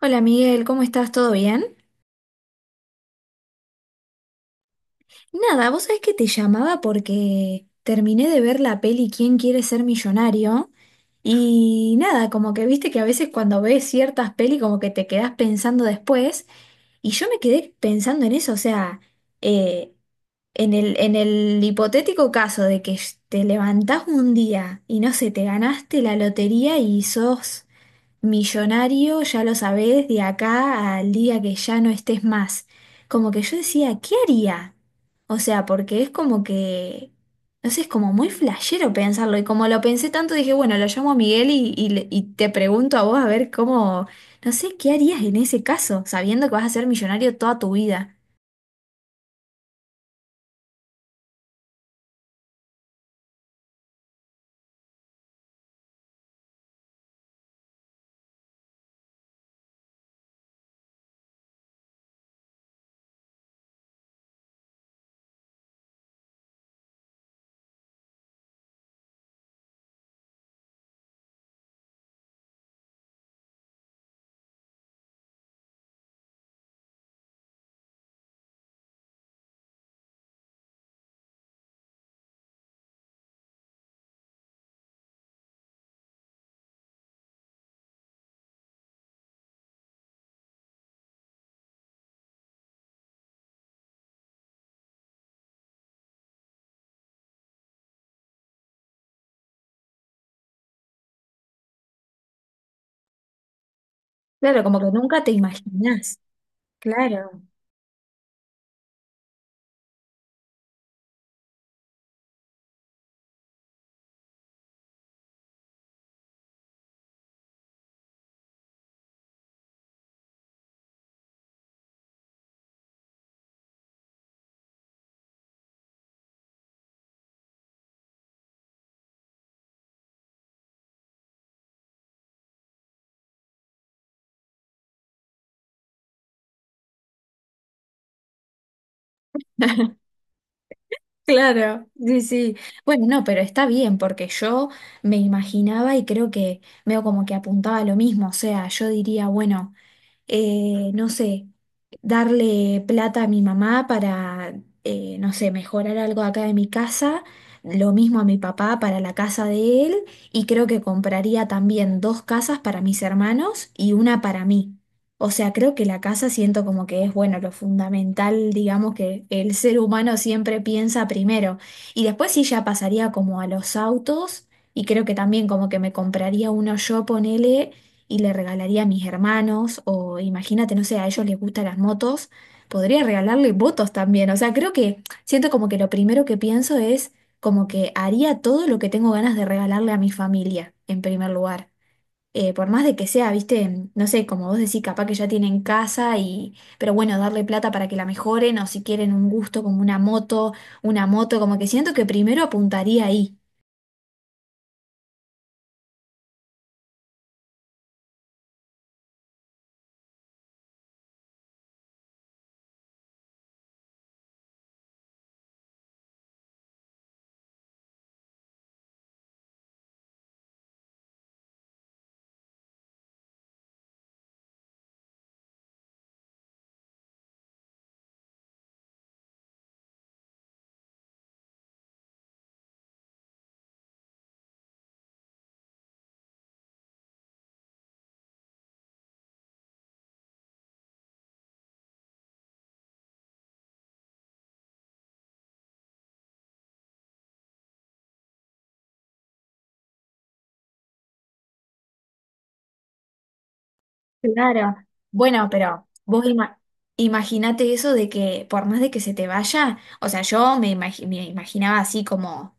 Hola Miguel, ¿cómo estás? ¿Todo bien? Nada, vos sabés que te llamaba porque terminé de ver la peli ¿Quién quiere ser millonario? Y nada, como que viste que a veces cuando ves ciertas peli como que te quedás pensando después y yo me quedé pensando en eso, o sea, eh, en el hipotético caso de que te levantás un día y no sé, te ganaste la lotería y sos millonario, ya lo sabés, de acá al día que ya no estés más. Como que yo decía, ¿qué haría? O sea, porque es como que, no sé, es como muy flashero pensarlo. Y como lo pensé tanto, dije, bueno, lo llamo a Miguel y te pregunto a vos a ver cómo, no sé, ¿qué harías en ese caso, sabiendo que vas a ser millonario toda tu vida? Claro, como que nunca te imaginás. Claro. Claro, sí, sí. Bueno, no, pero está bien porque yo me imaginaba y creo que veo como que apuntaba a lo mismo. O sea, yo diría, bueno, no sé, darle plata a mi mamá para, no sé, mejorar algo acá de mi casa, lo mismo a mi papá para la casa de él, y creo que compraría también dos casas para mis hermanos y una para mí. O sea, creo que la casa siento como que es, bueno, lo fundamental, digamos, que el ser humano siempre piensa primero. Y después sí ya pasaría como a los autos, y creo que también como que me compraría uno yo, ponele, y le regalaría a mis hermanos, o imagínate, no sé, a ellos les gustan las motos, podría regalarle motos también. O sea, creo que siento como que lo primero que pienso es como que haría todo lo que tengo ganas de regalarle a mi familia, en primer lugar. Por más de que sea, viste, no sé, como vos decís, capaz que ya tienen casa y, pero bueno, darle plata para que la mejoren o si quieren un gusto como una moto, como que siento que primero apuntaría ahí. Claro. Bueno, pero vos imaginate eso de que por más de que se te vaya, o sea, yo me imaginaba así como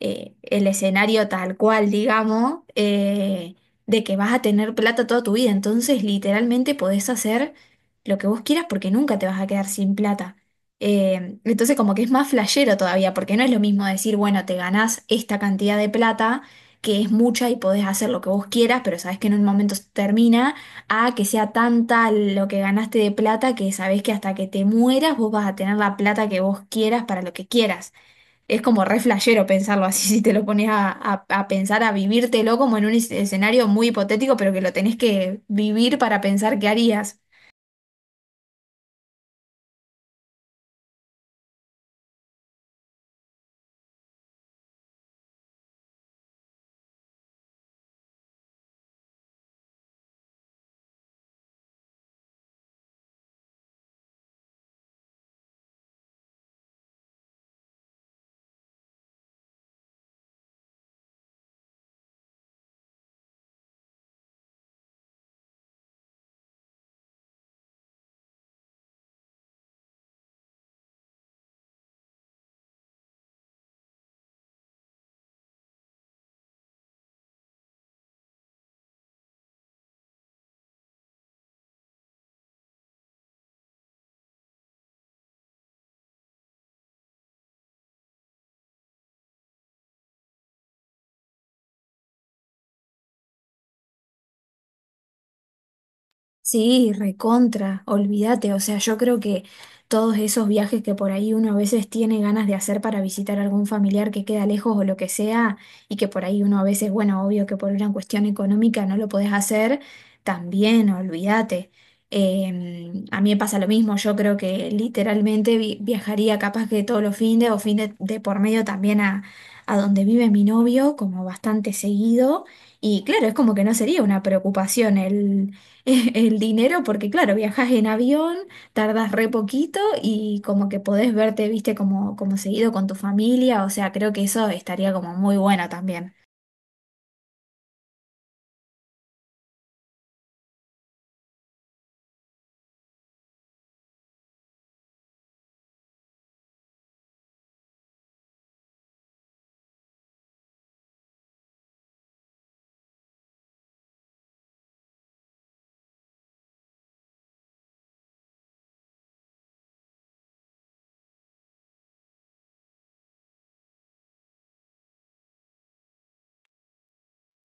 el escenario tal cual, digamos, de que vas a tener plata toda tu vida. Entonces, literalmente podés hacer lo que vos quieras porque nunca te vas a quedar sin plata. Entonces, como que es más flashero todavía, porque no es lo mismo decir, bueno, te ganás esta cantidad de plata, que es mucha y podés hacer lo que vos quieras, pero sabés que en un momento se termina, a que sea tanta lo que ganaste de plata que sabés que hasta que te mueras vos vas a tener la plata que vos quieras para lo que quieras es como re flashero pensarlo así, si te lo pones a pensar, a vivírtelo como en un escenario muy hipotético, pero que lo tenés que vivir para pensar qué harías. Sí, recontra, olvídate, o sea, yo creo que todos esos viajes que por ahí uno a veces tiene ganas de hacer para visitar algún familiar que queda lejos o lo que sea, y que por ahí uno a veces, bueno, obvio que por una cuestión económica no lo podés hacer, también, olvídate. A mí me pasa lo mismo, yo creo que literalmente viajaría capaz que todos los fines o fines de por medio también a donde vive mi novio, como bastante seguido, y claro, es como que no sería una preocupación el el dinero, porque claro, viajas en avión, tardas re poquito y como que podés verte, viste, como, seguido con tu familia, o sea, creo que eso estaría como muy bueno también.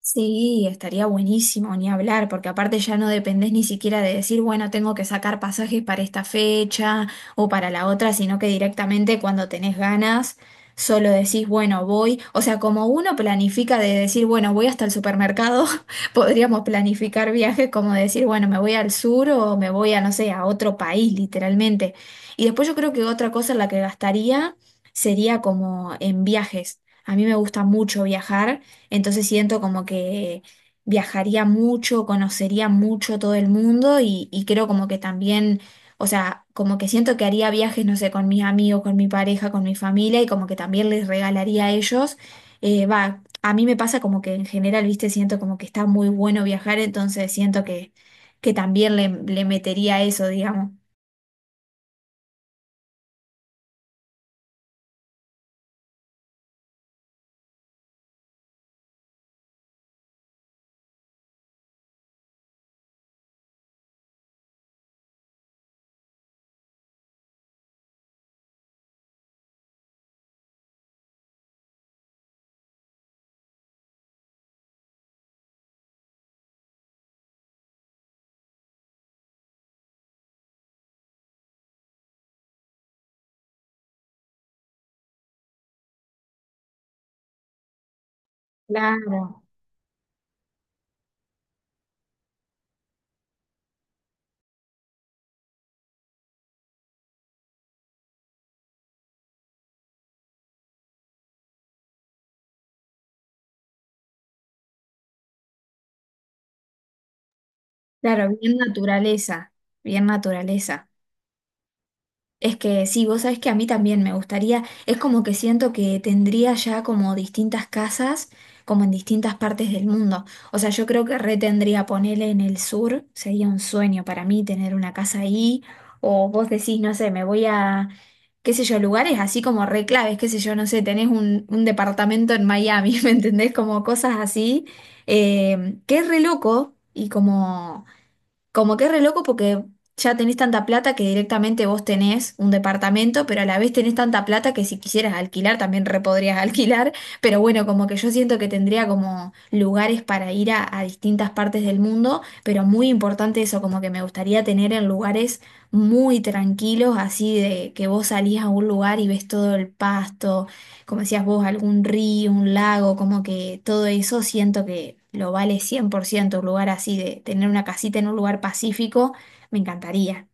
Sí, estaría buenísimo ni hablar, porque aparte ya no dependés ni siquiera de decir, bueno, tengo que sacar pasajes para esta fecha o para la otra, sino que directamente cuando tenés ganas, solo decís, bueno, voy. O sea, como uno planifica de decir, bueno, voy hasta el supermercado, podríamos planificar viajes como decir, bueno, me voy al sur o me voy a, no sé, a otro país, literalmente. Y después yo creo que otra cosa en la que gastaría sería como en viajes. A mí me gusta mucho viajar. Entonces siento como que viajaría mucho, conocería mucho todo el mundo y creo como que también, o sea, como que siento que haría viajes, no sé, con mis amigos, con mi pareja, con mi familia y como que también les regalaría a ellos. Va, a mí me pasa como que en general, viste, siento como que está muy bueno viajar, entonces siento que, también le metería eso, digamos. Claro, claro, bien naturaleza, bien naturaleza. Es que sí, vos sabés que a mí también me gustaría, es como que siento que tendría ya como distintas casas, como en distintas partes del mundo. O sea, yo creo que re tendría ponerle en el sur, sería un sueño para mí tener una casa ahí, o vos decís, no sé, me voy a, qué sé yo, lugares así como re claves, qué sé yo, no sé, tenés un, departamento en Miami, ¿me entendés? Como cosas así, que es re loco y como... Como que es re loco porque ya tenés tanta plata que directamente vos tenés un departamento, pero a la vez tenés tanta plata que si quisieras alquilar también re podrías alquilar. Pero bueno, como que yo siento que tendría como lugares para ir a distintas partes del mundo, pero muy importante eso, como que me gustaría tener en lugares muy tranquilos, así de que vos salís a un lugar y ves todo el pasto, como decías vos, algún río, un lago, como que todo eso siento que lo vale 100% un lugar así de tener una casita en un lugar pacífico, me encantaría.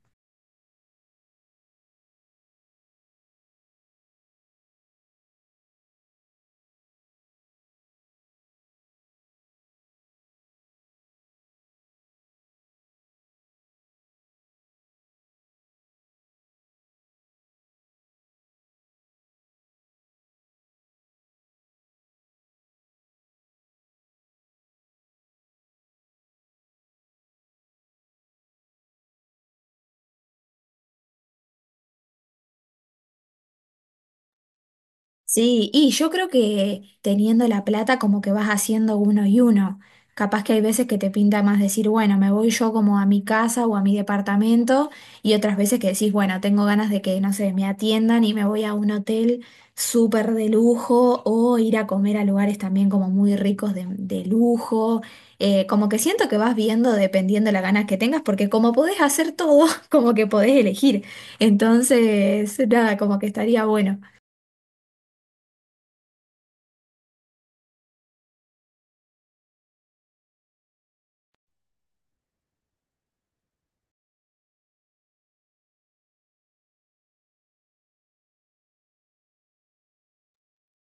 Sí, y yo creo que teniendo la plata como que vas haciendo uno y uno. Capaz que hay veces que te pinta más decir, bueno, me voy yo como a mi casa o a mi departamento y otras veces que decís, bueno, tengo ganas de que, no sé, me atiendan y me voy a un hotel súper de lujo o ir a comer a lugares también como muy ricos de, lujo. Como que siento que vas viendo dependiendo las ganas que tengas porque como podés hacer todo, como que podés elegir. Entonces, nada, como que estaría bueno.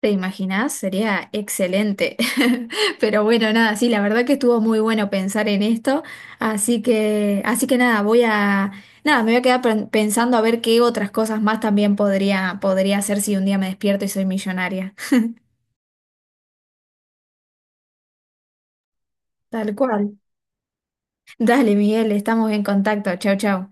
¿Te imaginás? Sería excelente. Pero bueno, nada, sí, la verdad que estuvo muy bueno pensar en esto. Así que nada, voy a, nada, me voy a quedar pensando a ver qué otras cosas más también podría, hacer si un día me despierto y soy millonaria. Tal cual. Dale, Miguel, estamos en contacto. Chau, chau.